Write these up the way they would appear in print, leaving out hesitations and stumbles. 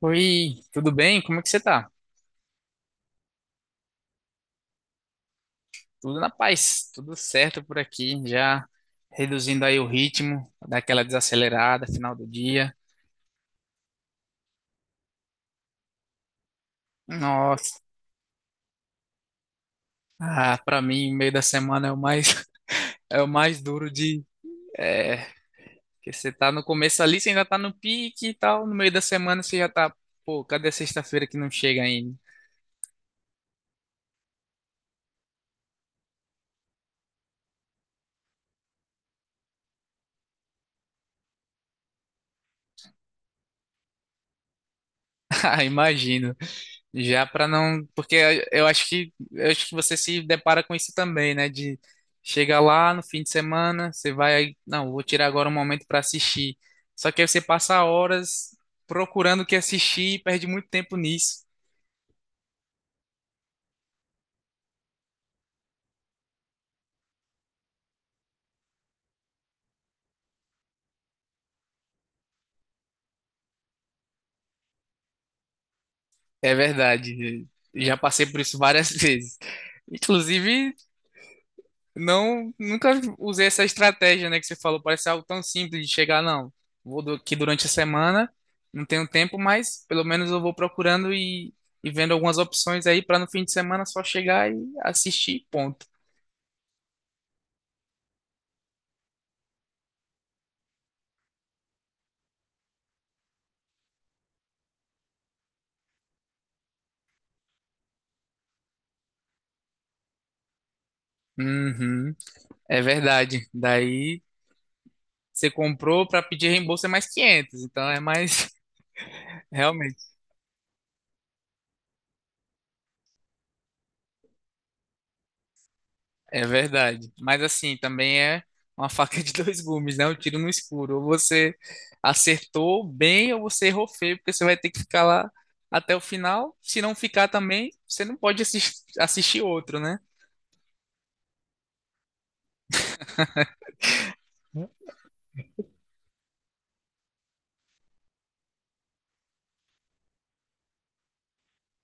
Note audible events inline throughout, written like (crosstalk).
Oi, tudo bem? Como é que você tá? Tudo na paz, tudo certo por aqui, já reduzindo aí o ritmo, daquela desacelerada, final do dia. Nossa, ah, para mim, meio da semana é o mais (laughs) é o mais duro de é, que você tá no começo ali, você ainda tá no pique e tal, no meio da semana você já tá, pô, cadê a sexta-feira que não chega ainda? (laughs) Ah, imagino. Já para não, porque eu acho que você se depara com isso também, né? De chegar lá no fim de semana, você vai, aí, não, vou tirar agora um momento para assistir. Só que aí você passa horas procurando o que assistir e perde muito tempo nisso. É verdade. Já passei por isso várias (laughs) vezes. Inclusive Não, nunca usei essa estratégia, né, que você falou. Parece algo tão simples de chegar, não. Vou aqui durante a semana, não tenho tempo, mas pelo menos eu vou procurando e vendo algumas opções aí para no fim de semana só chegar e assistir, ponto. Uhum, é verdade. Daí você comprou para pedir reembolso é mais 500 então é mais (laughs) realmente. É verdade. Mas assim, também é uma faca de dois gumes, né? Um tiro no escuro. Ou você acertou bem ou você errou feio, porque você vai ter que ficar lá até o final. Se não ficar também, você não pode assistir outro, né?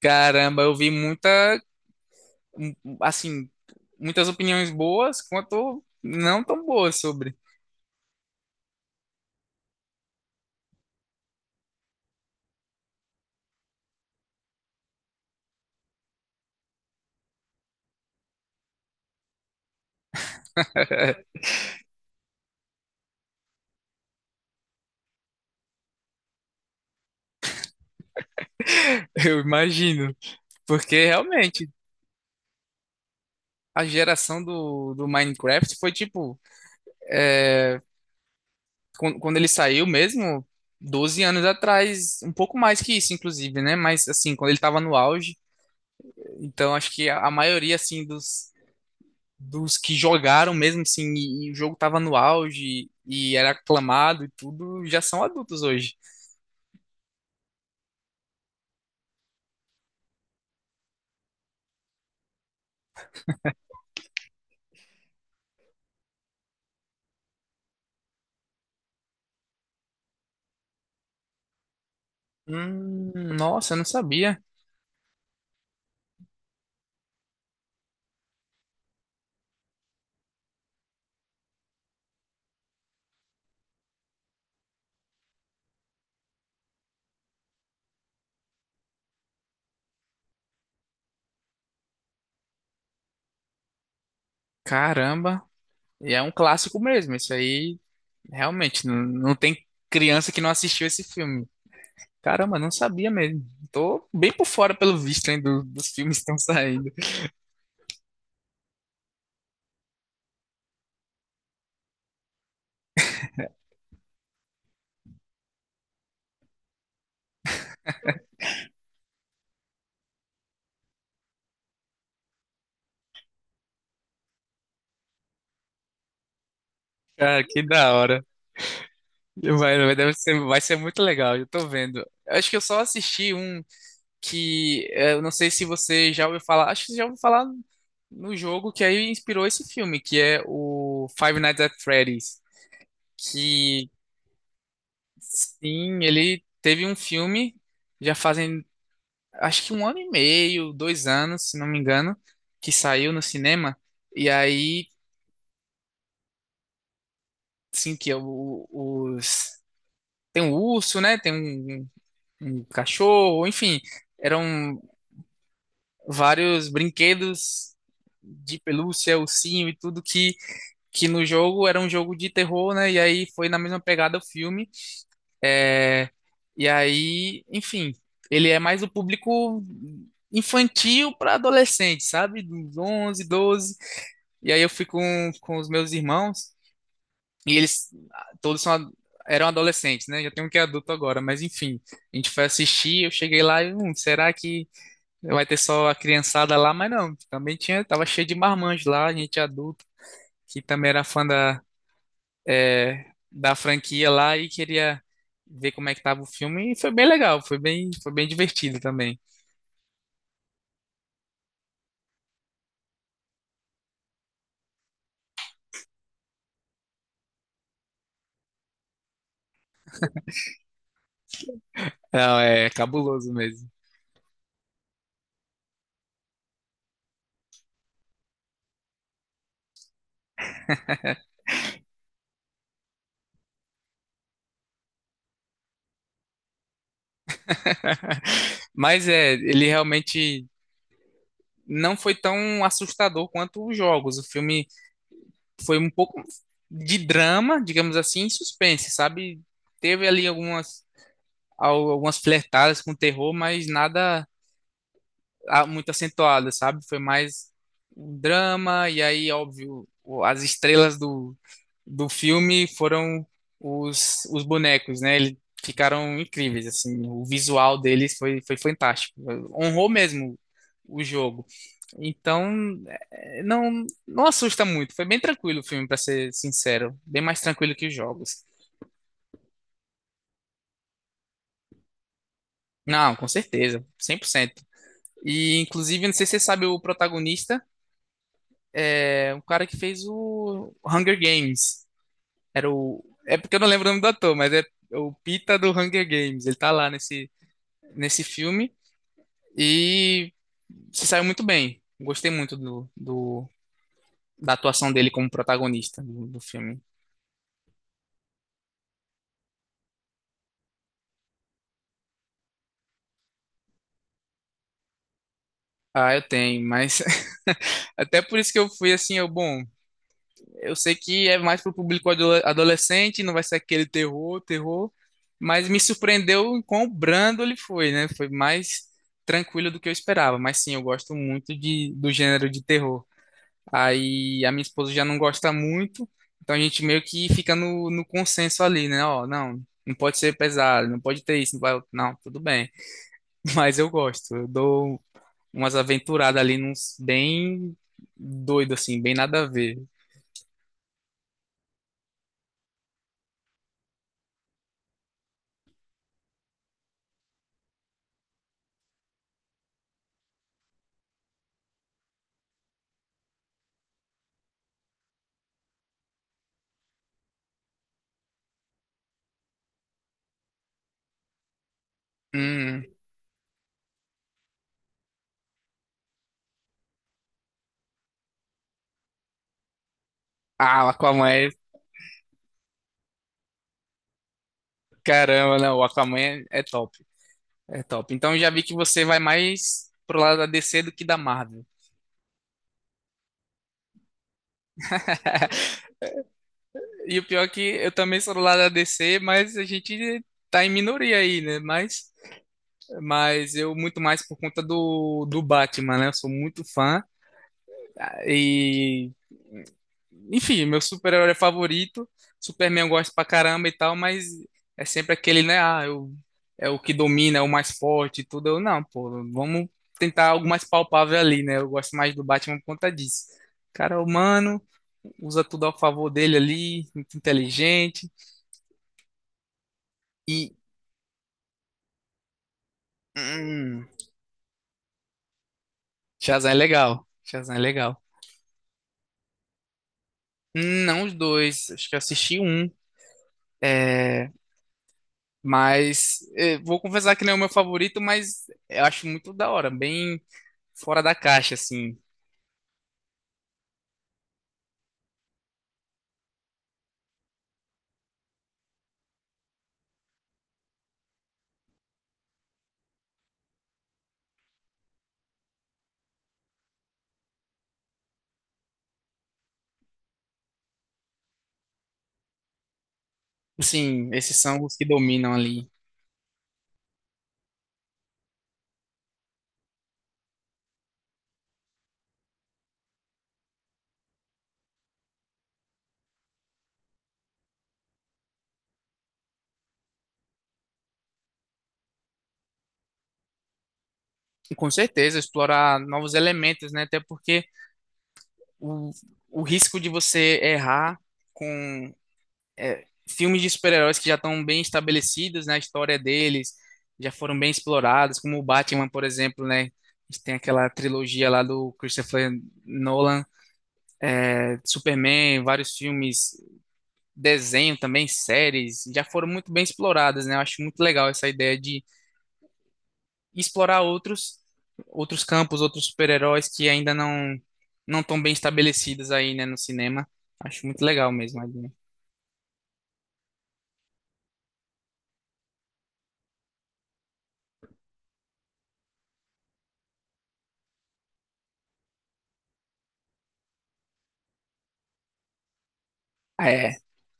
Caramba, eu vi muita, um, assim, muitas opiniões boas quanto não tão boas sobre. (laughs) Eu imagino. Porque realmente a geração do Minecraft foi tipo. Quando ele saiu mesmo, 12 anos atrás, um pouco mais que isso, inclusive, né? Mas assim, quando ele tava no auge, então acho que a maioria assim dos que jogaram mesmo assim, e o jogo tava no auge e era aclamado e tudo, já são adultos hoje. Nossa, eu não sabia. Caramba, e é um clássico mesmo. Isso aí realmente não, não tem criança que não assistiu esse filme. Caramba, não sabia mesmo. Tô bem por fora pelo visto, hein, dos filmes que estão saindo. Cara, que da hora. Deve ser, vai ser muito legal, eu tô vendo. Eu acho que eu só assisti um que eu não sei se você já ouviu falar. Acho que você já ouviu falar no jogo que aí inspirou esse filme, que é o Five Nights at Freddy's. Que sim, ele teve um filme já fazem acho que um ano e meio, dois anos, se não me engano, que saiu no cinema. E aí, sim, que é os. Tem um urso, né? Tem um um cachorro, enfim, eram vários brinquedos de pelúcia, ursinho e tudo que no jogo era um jogo de terror, né? E aí foi na mesma pegada o filme. É, e aí, enfim, ele é mais o público infantil para adolescente, sabe? Dos 11, 12 E aí eu fui com os meus irmãos e eles todos são, eram adolescentes, né? Já tem um que é adulto agora, mas enfim, a gente foi assistir, eu cheguei lá e, será que vai ter só a criançada lá, mas não. Também tinha, tava cheio de marmanjos lá, gente adulta, que também era fã é, da franquia lá e queria ver como é que tava o filme. E foi bem legal, foi bem divertido também. Não, é cabuloso mesmo. (laughs) Mas é, ele realmente não foi tão assustador quanto os jogos. O filme foi um pouco de drama, digamos assim, e suspense, sabe? Teve ali algumas, algumas flertadas com terror, mas nada muito acentuada, sabe? Foi mais um drama, e aí, óbvio, as estrelas do filme foram os bonecos, né? Eles ficaram incríveis, assim, o visual deles foi, foi fantástico, honrou mesmo o jogo. Então, não, não assusta muito, foi bem tranquilo o filme, para ser sincero, bem mais tranquilo que os jogos. Não, com certeza, 100%. E, inclusive, não sei se você sabe o protagonista. É, um cara que fez o Hunger Games. Era o. É porque eu não lembro o nome do ator, mas é o Pita do Hunger Games. Ele tá lá nesse filme e se saiu muito bem. Gostei muito da atuação dele como protagonista do filme. Ah, eu tenho, mas (laughs) até por isso que eu fui assim, eu, bom, eu sei que é mais pro público adolescente, não vai ser aquele terror, terror, mas me surpreendeu em quão brando ele foi, né? Foi mais tranquilo do que eu esperava, mas sim, eu gosto muito de, do gênero de terror. Aí a minha esposa já não gosta muito, então a gente meio que fica no consenso ali, né? Ó, não, não pode ser pesado, não pode ter isso, não vai, não, tudo bem. (laughs) Mas eu gosto, eu dou umas aventuradas ali, uns bem doido assim, bem nada a ver. Hum. Ah, Aquaman é Caramba, não, o Aquaman é é top. É top. Então já vi que você vai mais pro lado da DC do que da Marvel. (laughs) E o pior é que eu também sou do lado da DC, mas a gente tá em minoria aí, né? Mas eu muito mais por conta do Batman, né? Eu sou muito fã e enfim, meu super-herói favorito. Superman eu gosto pra caramba e tal, mas é sempre aquele, né? Ah, eu, é o que domina, é o mais forte e tudo. Eu, não, pô, vamos tentar algo mais palpável ali, né? Eu gosto mais do Batman por conta disso. O cara, é humano, usa tudo ao favor dele ali, muito inteligente. E. Hum, Shazam é legal. Shazam é legal. Não os dois, acho que eu assisti um. É, mas é, vou confessar que não é o meu favorito, mas eu acho muito da hora, bem fora da caixa, assim. Sim, esses são os que dominam ali. Com certeza, explorar novos elementos, né? Até porque o, o risco de você errar com é, filmes de super-heróis que já estão bem estabelecidos, né? A história deles já foram bem explorados, como o Batman, por exemplo, né? A gente tem aquela trilogia lá do Christopher Nolan, é, Superman, vários filmes, desenho também, séries, já foram muito bem exploradas, né? Eu acho muito legal essa ideia de e explorar outros outros campos, outros super-heróis que ainda não não estão bem estabelecidos aí, né, no cinema. Acho muito legal mesmo, Aguinha. É,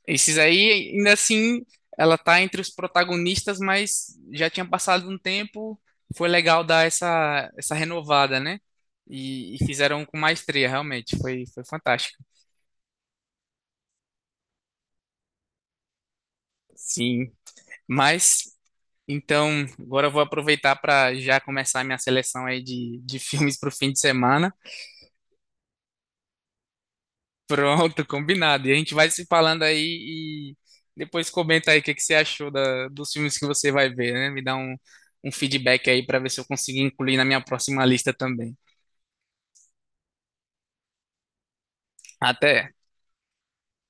esses aí, ainda assim, ela tá entre os protagonistas, mas já tinha passado um tempo, foi legal dar essa essa renovada, né? E fizeram com maestria, realmente, foi foi fantástico. Sim, mas então, agora eu vou aproveitar para já começar a minha seleção aí de (laughs) filmes para o fim de semana. Pronto, (laughs) combinado. E a gente vai se falando aí e depois comenta aí o que que você achou dos filmes que você vai ver, né? Me dá um feedback aí para ver se eu consigo incluir na minha próxima lista também. Até.